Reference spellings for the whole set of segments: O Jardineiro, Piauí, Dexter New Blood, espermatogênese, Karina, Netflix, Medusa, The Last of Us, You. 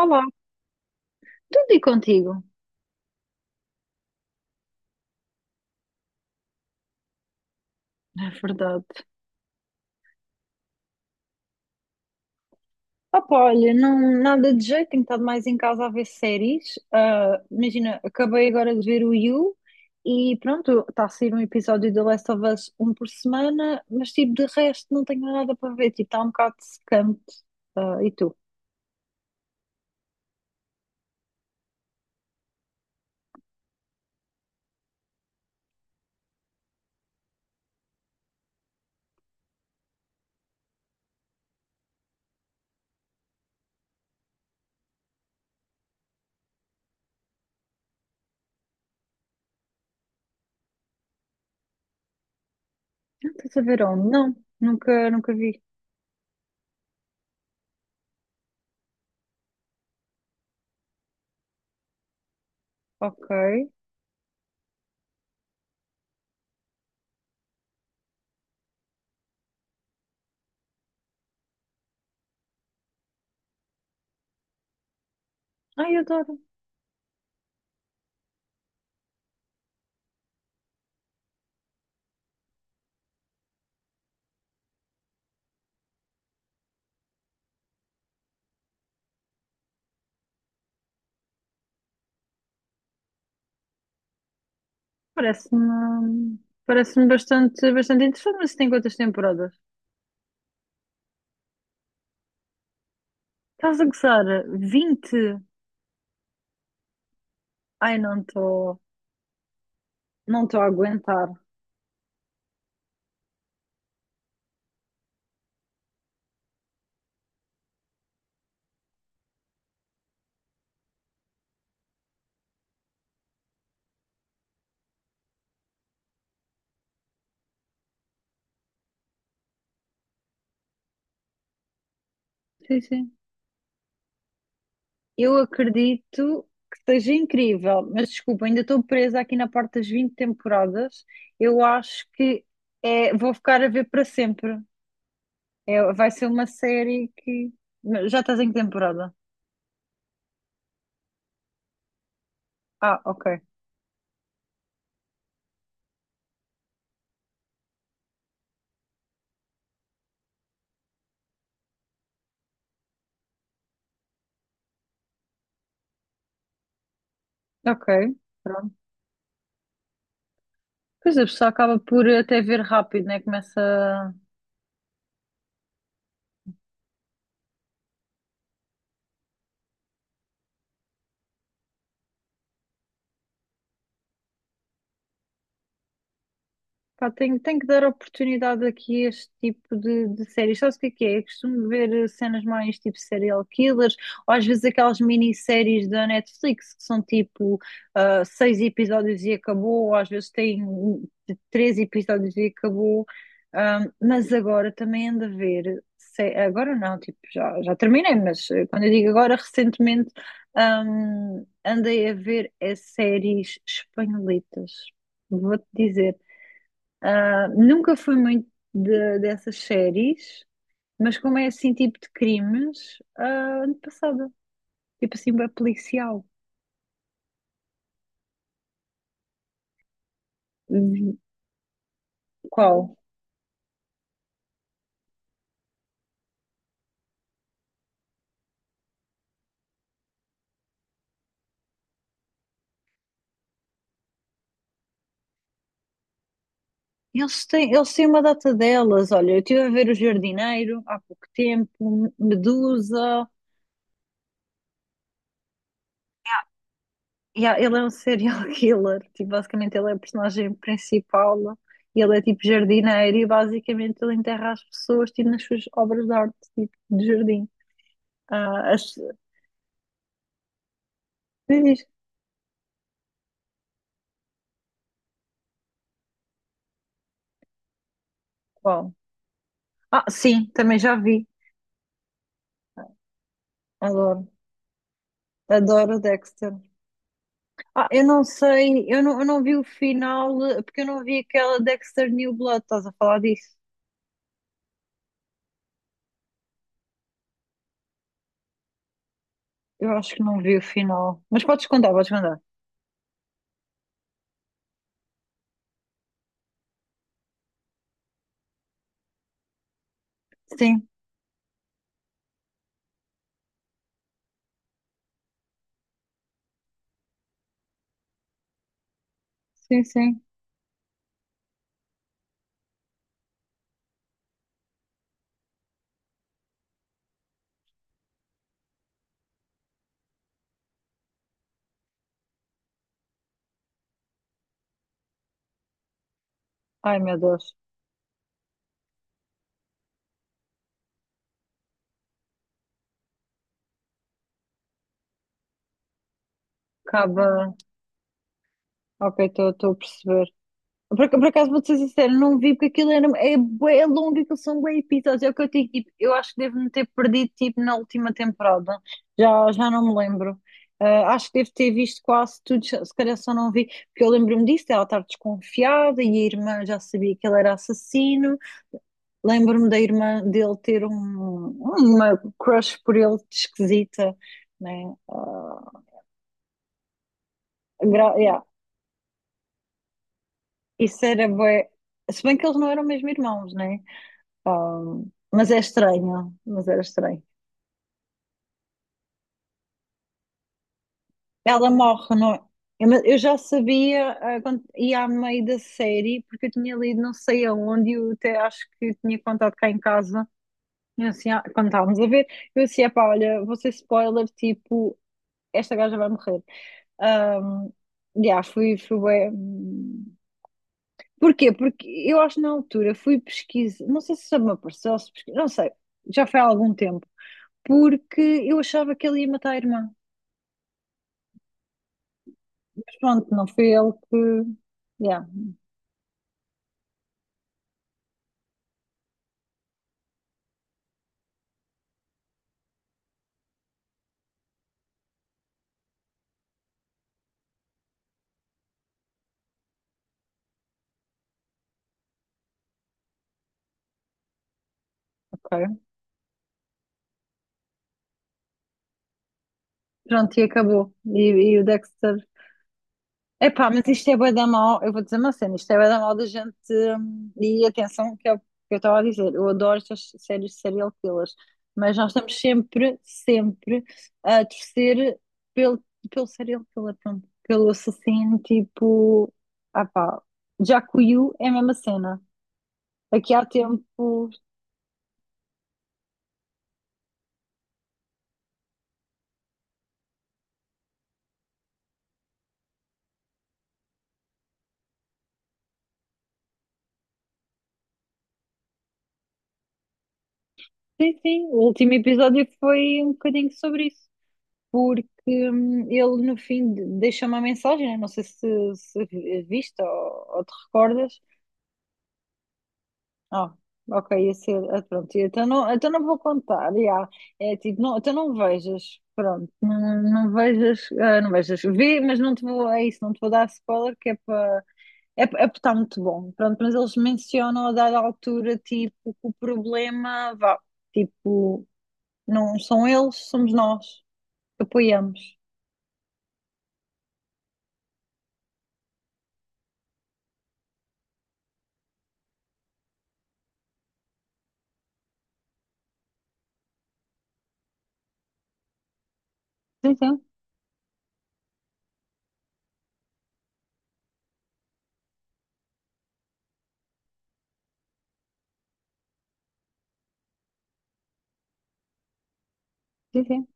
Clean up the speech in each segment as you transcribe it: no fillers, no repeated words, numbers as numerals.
Olá, tudo e contigo? É verdade. Opa, olha, não, nada de jeito, tenho estado mais em casa a ver séries. Ah, imagina, acabei agora de ver o You e pronto, está a sair um episódio de The Last of Us um por semana, mas tipo, de resto não tenho nada para ver, tipo, está um bocado secante. Ah, e tu? Não estás a ver onde? Não, nunca vi. Ok. Ai, adoro. Parece-me, parece-me bastante, bastante interessante, mas tem quantas temporadas? Estás a gozar? 20. Ai, não estou a aguentar. Sim, sim. Eu acredito que seja incrível, mas desculpa, ainda estou presa aqui na parte das 20 temporadas. Eu acho que é, vou ficar a ver para sempre. É, vai ser uma série que. Mas já estás em que temporada? Ah, ok. Ok, pronto. Pois é, a pessoa acaba por até ver rápido, né? Começa. Pá, tenho, tenho que dar oportunidade aqui a este tipo de séries. Sabes o que é que é? Eu costumo ver cenas mais tipo serial killers, ou às vezes aquelas minisséries da Netflix que são tipo ah, seis episódios e acabou, ou às vezes têm três episódios e acabou. Mas agora também ando a ver, agora não, tipo, já terminei, mas quando eu digo agora, recentemente andei a ver as séries espanholitas. Vou-te dizer. Ah, nunca fui muito dessas séries, mas como é assim tipo de crimes, ah, ano passado, tipo assim, bem policial. Hum, Qual? Eles têm uma data delas, olha, eu estive a ver O Jardineiro há pouco tempo, Medusa, e ele é um serial killer, tipo, basicamente ele é o personagem principal, e ele é tipo jardineiro e basicamente ele enterra as pessoas tipo, nas suas obras de arte, tipo, de jardim. Ah, as... Diz, diz. Qual? Ah, sim, também já vi. Adoro. Adoro Dexter. Ah, eu não sei, eu não vi o final, porque eu não vi aquela Dexter New Blood, estás a falar disso? Eu acho que não vi o final. Mas podes contar, podes contar. Sim, sim, sim. Ai, meu Deus. Acaba. Ok, estou a perceber. Por acaso vou-te ser sincero, não vi porque aquilo era, é, bué longo, aquilo são bué episódios. É o que eu digo, tipo, eu acho que devo-me ter perdido tipo, na última temporada. Já não me lembro. Ah, acho que devo ter visto quase tudo, se calhar só não vi, porque eu lembro-me disso, dela estar desconfiada e a irmã já sabia que ele era assassino. Lembro-me da irmã dele ter uma crush por ele esquisita, né? Gra- yeah, Isso era bué. Se bem que eles não eram mesmo irmãos, né? Mas é estranho, mas era estranho. Ela morre, não é? Eu mas eu já sabia, quando ia a meio da série, porque eu tinha lido não sei aonde, eu até acho que tinha contado cá em casa, eu assim, quando estávamos a ver, eu assim, epá, olha, vou ser spoiler, tipo, esta gaja vai morrer. Um, fui bué. Porquê? Porque eu acho que na altura fui pesquisar, não sei se já me apareceu, se pesquisa, não sei, já foi há algum tempo, porque eu achava que ele ia matar a irmã. Mas pronto, não foi ele que. Yeah, ok. Pronto, e acabou. E o Dexter. Epá, mas isto é bué da mal. Eu vou dizer uma cena, isto é bué da mal da gente. E atenção, que é o que eu estava a dizer. Eu adoro estas séries de serial killers. Mas nós estamos sempre, sempre a torcer pelo, pelo serial killer, pronto. Pelo assassino, tipo. Ah pá, já que o You é a mesma cena. Aqui há tempo. Sim, sim, o último episódio foi um bocadinho sobre isso. Porque ele no fim deixa uma mensagem, né? não sei se, se viste ou te recordas. Ah, ok, ia ser, ah, pronto, então não vou contar, já. É tipo, não, então não vejas, pronto, não, não vejas, vê, mas não te vou, é isso, não te vou dar spoiler, que é para, é porque está muito bom, pronto, mas eles mencionam a dada altura, tipo, que o problema, vá, tipo, não são eles, somos nós, apoiamos. Sim, sim, sim, sim.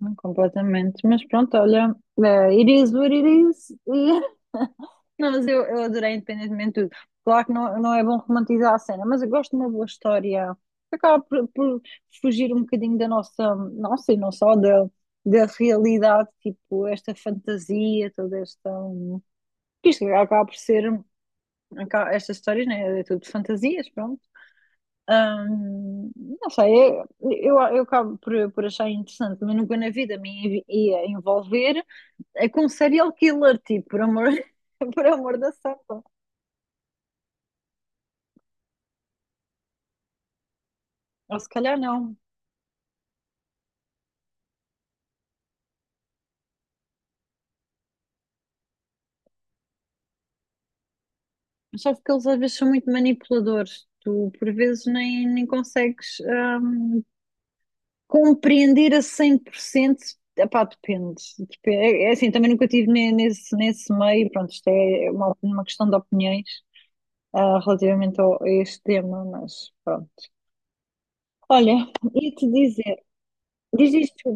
Não completamente, mas pronto, olha, it is what it is. E... Não, mas eu adorei independentemente de tudo. Claro que não, não é bom romantizar a cena, mas eu gosto de uma boa história que acaba por fugir um bocadinho da nossa, nossa e não só da, da realidade, tipo esta fantasia, toda esta. Isto acaba por ser. Estas histórias, né? É tudo de fantasias, pronto. Hum, não sei, eu acabo por achar interessante, mas nunca na vida me ia envolver com um serial killer, tipo, por amor, por amor da santa. Ou se calhar não. Só porque eles às vezes são muito manipuladores. Tu por vezes nem, nem consegues compreender a 100%. Epá, depende. É, é assim, também nunca estive nesse, nesse meio. Pronto, isto é uma questão de opiniões relativamente a este tema, mas pronto. Olha, ia-te dizer, diz diz tu.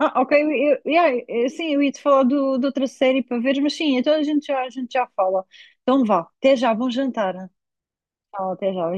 Ah, ok, yeah, sim, eu ia-te falar do, de outra série para ver, mas sim, então a gente já fala. Então vá, até já, bom jantar. Tchau, até já,